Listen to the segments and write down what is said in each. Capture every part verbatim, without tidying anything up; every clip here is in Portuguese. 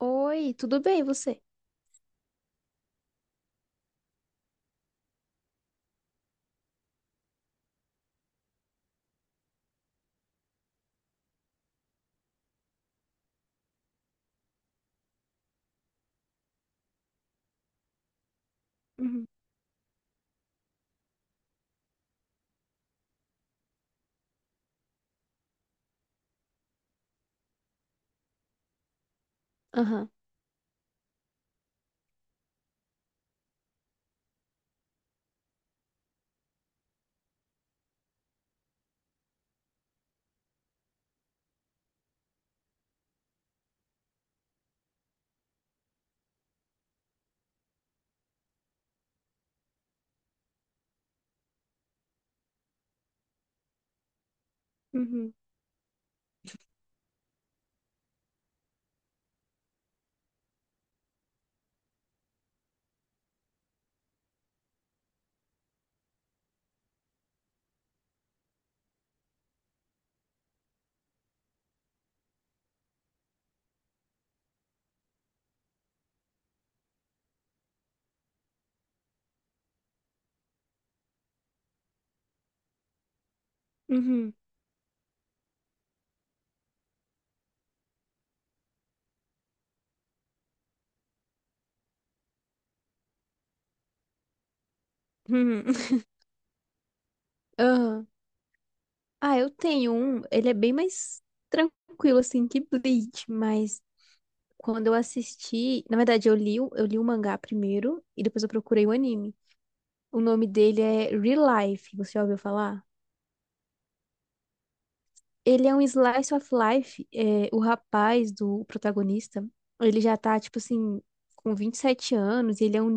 Oi, tudo bem, e você? Uhum. Aham. Uhum. Uhum. Uhum. Aham. Ah, eu tenho um, ele é bem mais tranquilo, assim, que Bleach, mas quando eu assisti, na verdade, eu li, o- eu li o mangá primeiro e depois eu procurei o anime. O nome dele é Real Life, você já ouviu falar? Ele é um slice of life, é, o rapaz do protagonista, ele já tá, tipo assim, com vinte e sete anos, e ele é um.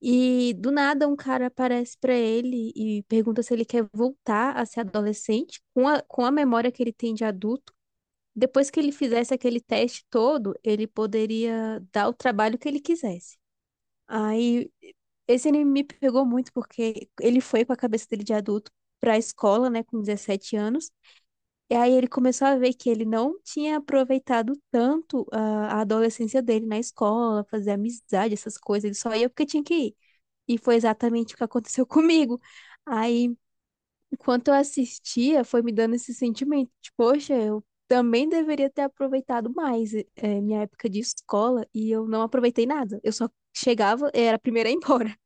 E do nada um cara aparece pra ele e pergunta se ele quer voltar a ser adolescente com a, com a memória que ele tem de adulto. Depois que ele fizesse aquele teste todo, ele poderia dar o trabalho que ele quisesse. Aí esse anime me pegou muito porque ele foi com a cabeça dele de adulto pra escola, né, com dezessete anos. E aí ele começou a ver que ele não tinha aproveitado tanto ah, a adolescência dele na escola, fazer amizade, essas coisas, ele só ia porque tinha que ir. E foi exatamente o que aconteceu comigo. Aí, enquanto eu assistia, foi me dando esse sentimento de, poxa, eu também deveria ter aproveitado mais eh, minha época de escola e eu não aproveitei nada. Eu só chegava, era a primeira a ir embora.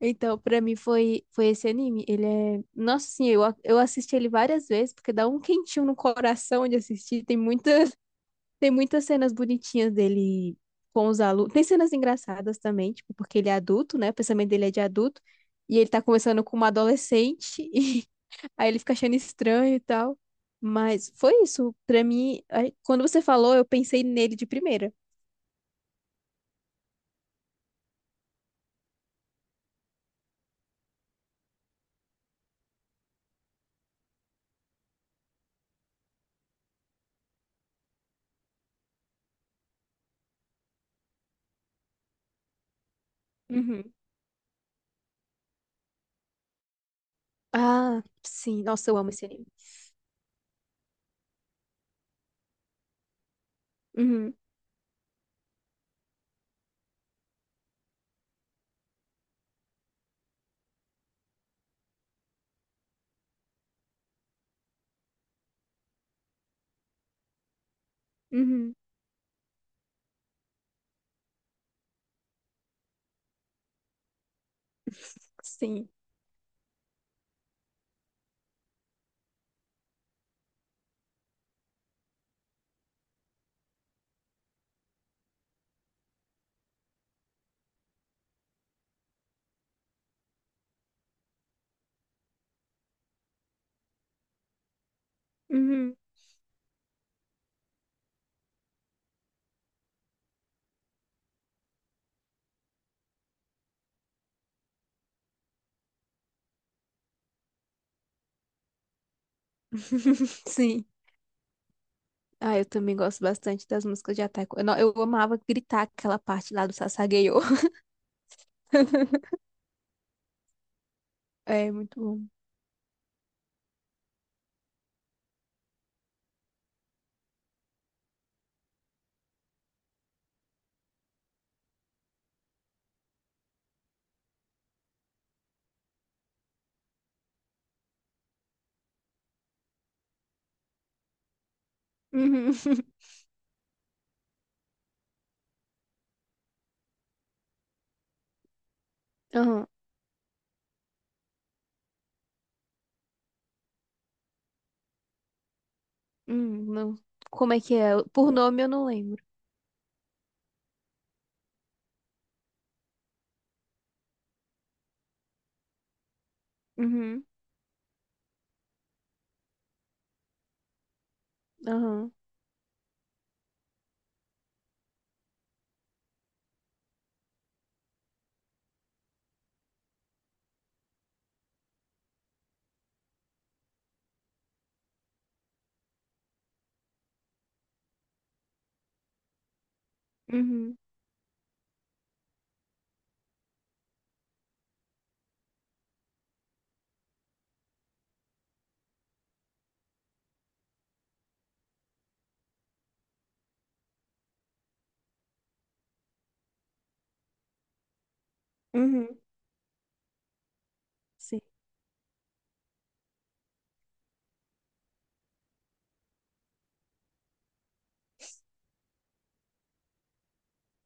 Então, pra mim foi foi esse anime. Ele é, nossa, sim, eu a- eu assisti ele várias vezes porque dá um quentinho no coração de assistir. Tem muita. Tem muitas cenas bonitinhas dele com os alunos. Tem cenas engraçadas também, tipo, porque ele é adulto, né? O pensamento dele é de adulto. E ele tá conversando com uma adolescente, e aí ele fica achando estranho e tal. Mas foi isso. Pra mim, aí, quando você falou, eu pensei nele de primeira. Uhum. Ah, sim. Nossa, eu amo esse anime. Uhum. Uhum. Sim. Uhum. Sim. Ah, eu também gosto bastante das músicas de Attack. Eu, não- Eu amava gritar aquela parte lá do Sasageyo. É, muito bom. Uhum. Aham. Hum, não. Como é que é? Por nome eu não lembro. Uhum. Aham. Uhum. Uhum. Sei.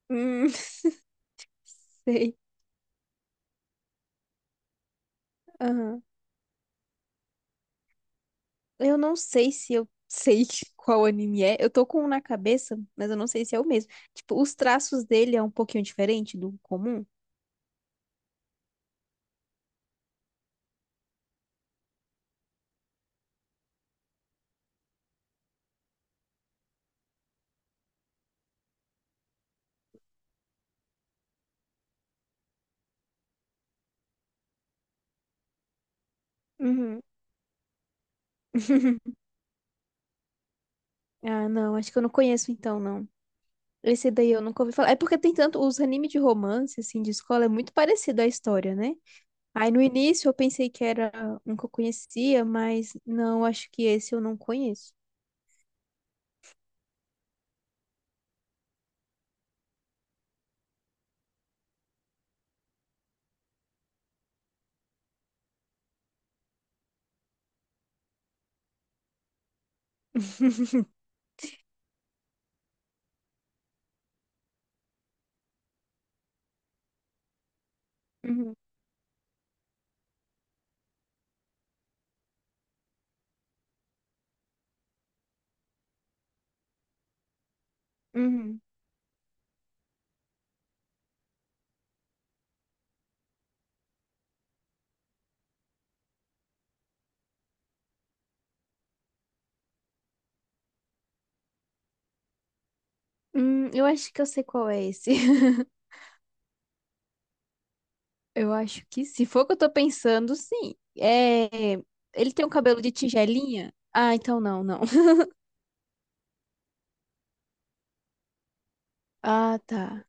Hum. Sei. Aham. Eu não sei se eu sei qual anime é. Eu tô com um na cabeça, mas eu não sei se é o mesmo. Tipo, os traços dele é um pouquinho diferente do comum. Uhum. Ah, não, acho que eu não conheço então, não. Esse daí eu nunca ouvi falar. É porque tem tanto, os animes de romance, assim, de escola, é muito parecido a história, né? Aí no início eu pensei que era um que eu conhecia, mas não, acho que esse eu não conheço. Uhum. Uhum. Hum, eu acho que eu sei qual é esse. Eu acho que se for o que eu tô pensando, sim. É, ele tem um cabelo de tigelinha? Ah, então não, não. Ah, tá.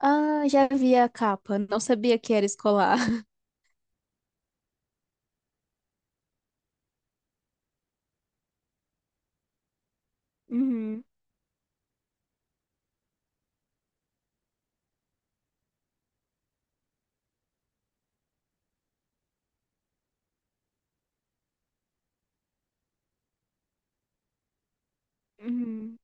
Ah, já vi a capa. Não sabia que era escolar. Uhum. Uhum.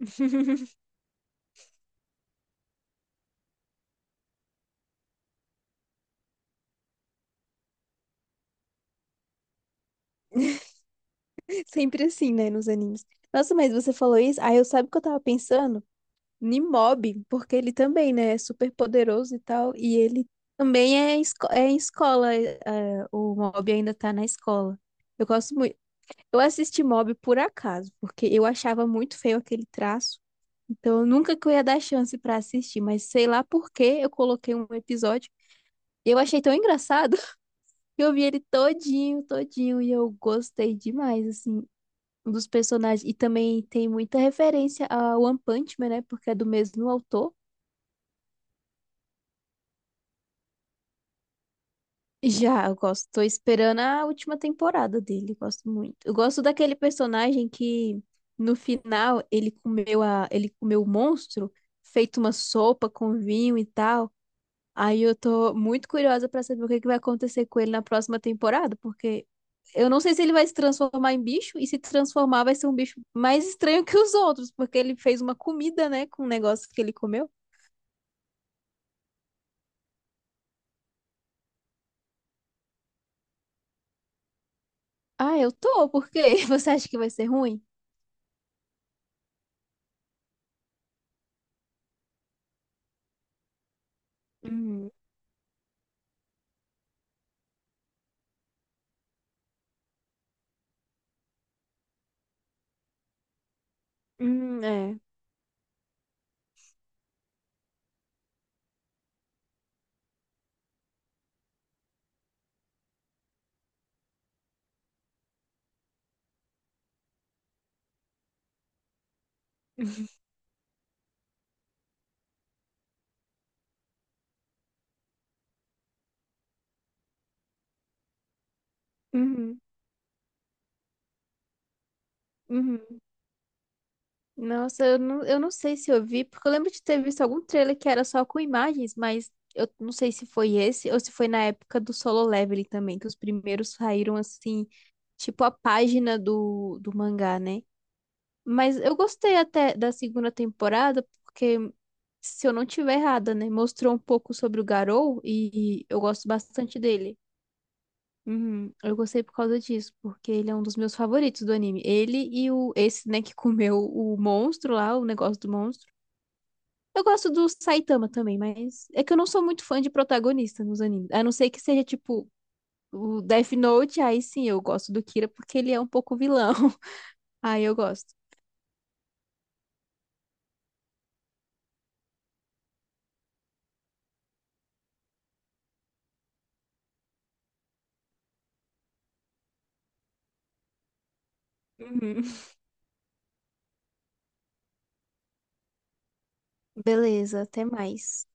Sempre assim, né, nos animes. Nossa, mas você falou isso? Aí eu sabe o que eu tava pensando? Nimob, porque ele também, né, é super poderoso e tal, e ele também é, esco- é em escola, é, é, o Mob ainda tá na escola. Eu gosto muito. Eu assisti Mob por acaso, porque eu achava muito feio aquele traço, então eu nunca que eu ia dar chance pra assistir, mas sei lá por que eu coloquei um episódio e eu achei tão engraçado que eu vi ele todinho, todinho, e eu gostei demais, assim. Um dos personagens, e também tem muita referência a One Punch Man, né? Porque é do mesmo autor. Já, eu gosto. Tô esperando a última temporada dele. Gosto muito. Eu gosto daquele personagem que no final ele comeu a, ele comeu o monstro, feito uma sopa com vinho e tal. Aí eu tô muito curiosa pra saber o que que vai acontecer com ele na próxima temporada, porque eu não sei se ele vai se transformar em bicho e se transformar vai ser um bicho mais estranho que os outros, porque ele fez uma comida, né, com um negócio que ele comeu. Ah, eu tô, por quê? Você acha que vai ser ruim? Hum. Hum, é. Uhum. Uhum. Nossa, eu não, eu não sei se eu vi, porque eu lembro de ter visto algum trailer que era só com imagens, mas eu não sei se foi esse ou se foi na época do Solo Leveling também, que os primeiros saíram assim, tipo a página do, do mangá, né? Mas eu gostei até da segunda temporada, porque, se eu não tiver errada, né, mostrou um pouco sobre o Garou e eu gosto bastante dele. Uhum, eu gostei por causa disso, porque ele é um dos meus favoritos do anime. Ele e o esse, né, que comeu o monstro lá, o negócio do monstro. Eu gosto do Saitama também, mas é que eu não sou muito fã de protagonista nos animes. A não ser que seja tipo o Death Note, aí sim eu gosto do Kira porque ele é um pouco vilão. Aí eu gosto. Uhum. Beleza, até mais.